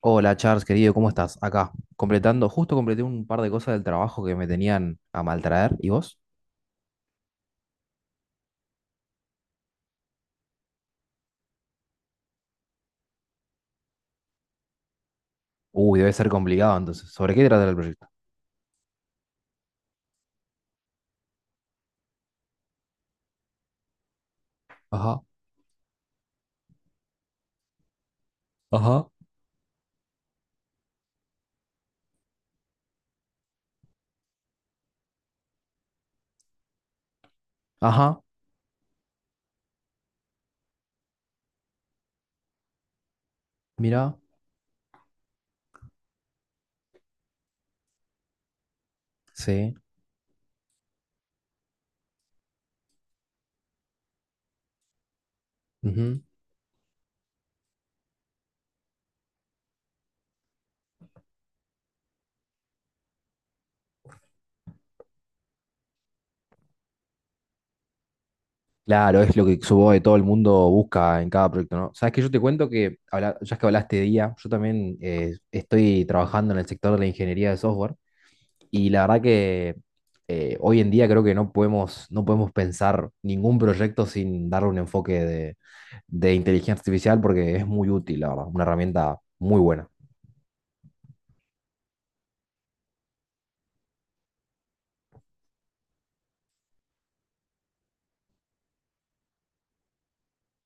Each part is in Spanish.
Hola Charles, querido, ¿cómo estás? Acá, completando, justo completé un par de cosas del trabajo que me tenían a maltraer. ¿Y vos? Uy, debe ser complicado entonces. ¿Sobre qué trata el proyecto? Ajá, ajá, ajá, mira, sí. Ujú. Claro, es lo que supongo que todo el mundo busca en cada proyecto, ¿no? Sabes que yo te cuento que, ya que hablaste de IA, yo también estoy trabajando en el sector de la ingeniería de software y la verdad que hoy en día creo que no podemos pensar ningún proyecto sin darle un enfoque de inteligencia artificial porque es muy útil, la verdad. Una herramienta muy buena.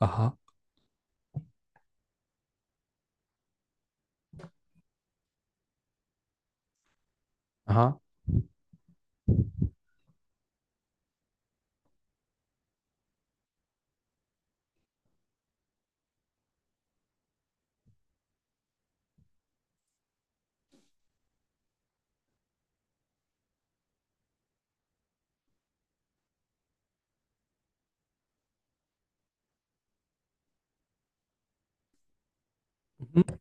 Ajá. Ajá. Ujú.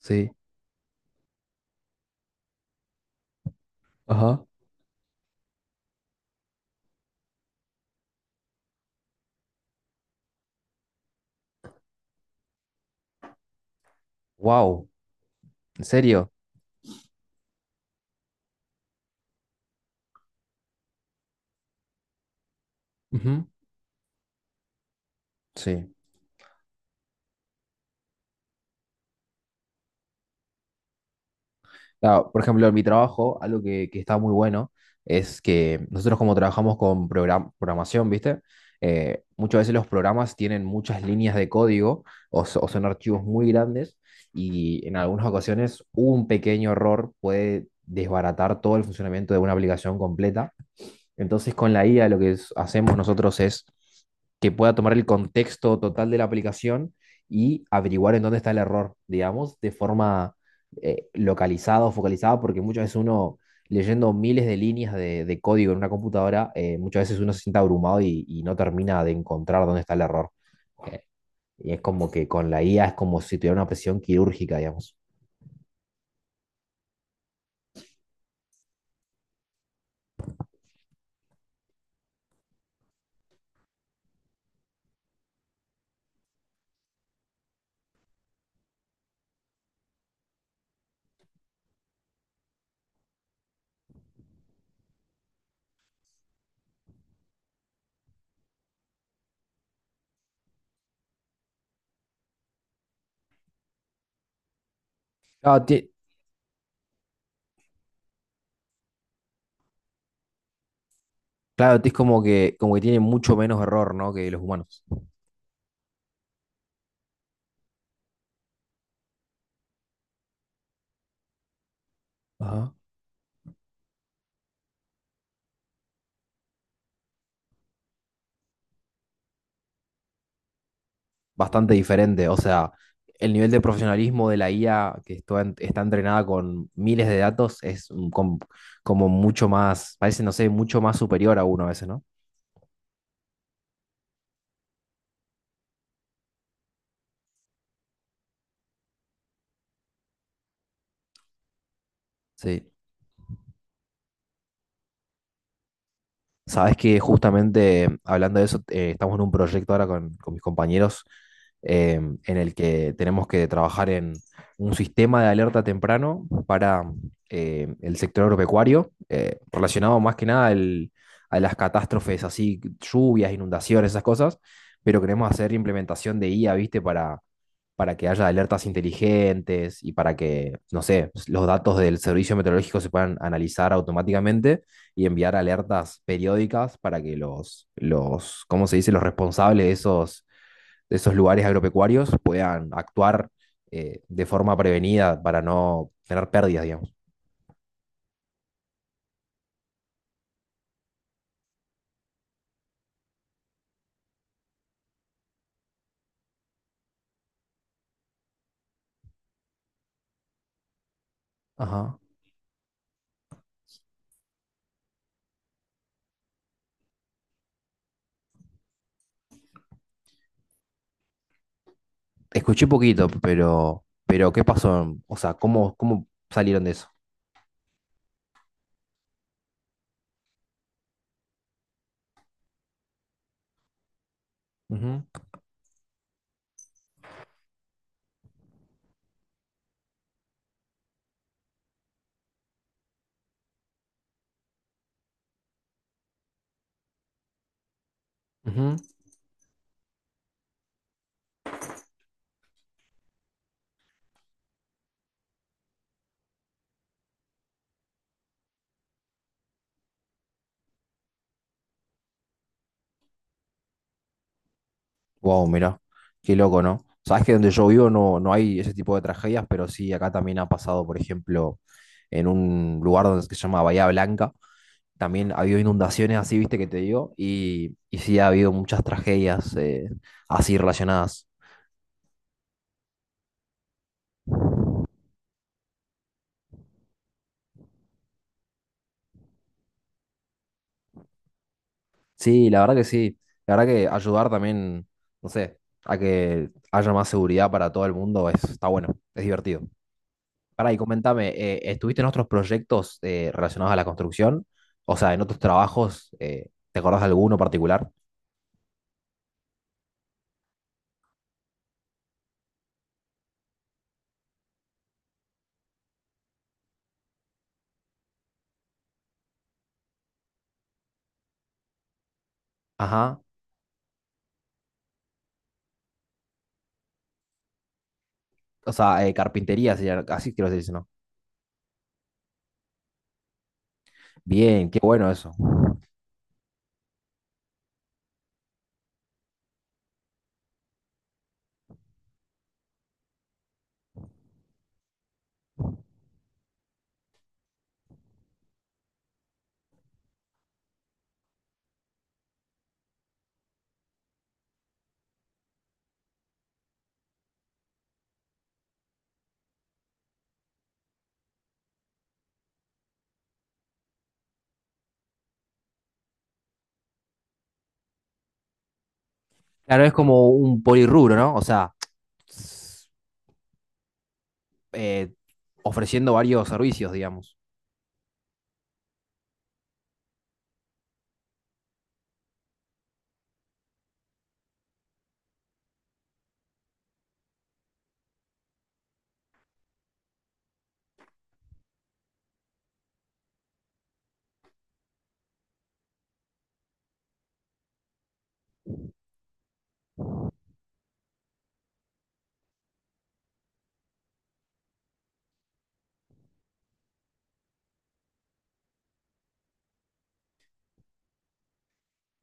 Sí. Ajá. Wow, ¿en serio? Ujú. Sí. Claro, por ejemplo, en mi trabajo, algo que está muy bueno es que nosotros como trabajamos con programación, ¿viste? Muchas veces los programas tienen muchas líneas de código o son archivos muy grandes y en algunas ocasiones un pequeño error puede desbaratar todo el funcionamiento de una aplicación completa. Entonces con la IA lo que hacemos nosotros es que pueda tomar el contexto total de la aplicación y averiguar en dónde está el error, digamos, de forma localizada o focalizada, porque muchas veces uno leyendo miles de líneas de código en una computadora, muchas veces uno se siente abrumado y no termina de encontrar dónde está el error. Eh, y es como que con la IA es como si tuviera una presión quirúrgica, digamos. Claro, ti- claro, ti es como que tiene mucho menos error, ¿no? Que los humanos. Ajá. Bastante diferente. O sea, el nivel de profesionalismo de la IA que esto está entrenada con miles de datos es como mucho más, parece, no sé, mucho más superior a uno a veces, ¿no? Sí. Sabes que justamente hablando de eso, estamos en un proyecto ahora con mis compañeros, eh, en el que tenemos que trabajar en un sistema de alerta temprano para el sector agropecuario, relacionado más que nada a las catástrofes así, lluvias, inundaciones, esas cosas, pero queremos hacer implementación de IA, ¿viste? Para que haya alertas inteligentes y para que, no sé, los datos del servicio meteorológico se puedan analizar automáticamente y enviar alertas periódicas para que los, ¿cómo se dice?, los responsables de esos lugares agropecuarios puedan actuar, de forma prevenida para no tener pérdidas, digamos. Ajá. Escuché poquito, pero ¿qué pasó? O sea, ¿cómo, cómo salieron de eso? Ujú, ujú. Wow, mira, qué loco, ¿no? Sabes que donde yo vivo no hay ese tipo de tragedias, pero sí, acá también ha pasado, por ejemplo, en un lugar donde se llama Bahía Blanca, también ha habido inundaciones así, viste que te digo, y sí ha habido muchas tragedias, así relacionadas. Sí, la verdad que sí, la verdad que ayudar también, no sé, a que haya más seguridad para todo el mundo es, está bueno, es divertido. Pará, y comentame, ¿estuviste en otros proyectos, relacionados a la construcción? O sea, en otros trabajos, ¿te acordás de alguno particular? Ajá, o sea, carpintería, así quiero decir, ¿no? Bien, qué bueno eso. Claro, es como un polirrubro, ¿no? O sea, eh, ofreciendo varios servicios, digamos.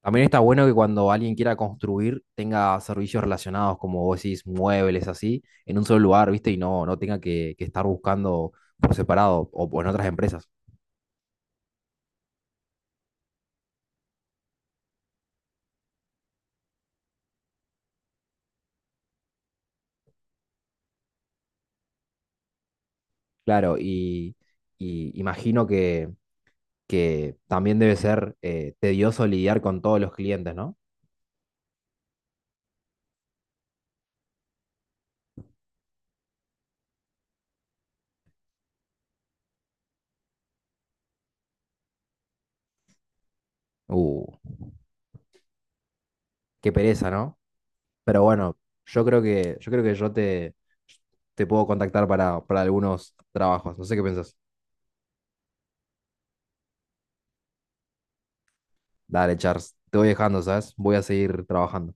También está bueno que cuando alguien quiera construir tenga servicios relacionados, como vos decís, muebles así, en un solo lugar, ¿viste? Y no, no tenga que estar buscando por separado o en otras empresas. Claro, y imagino que también debe ser tedioso lidiar con todos los clientes, ¿no? Uh, qué pereza, ¿no? Pero bueno, yo creo que te puedo contactar para algunos trabajos. No sé qué pensás. Dale, Charles, te voy dejando, ¿sabes? Voy a seguir trabajando.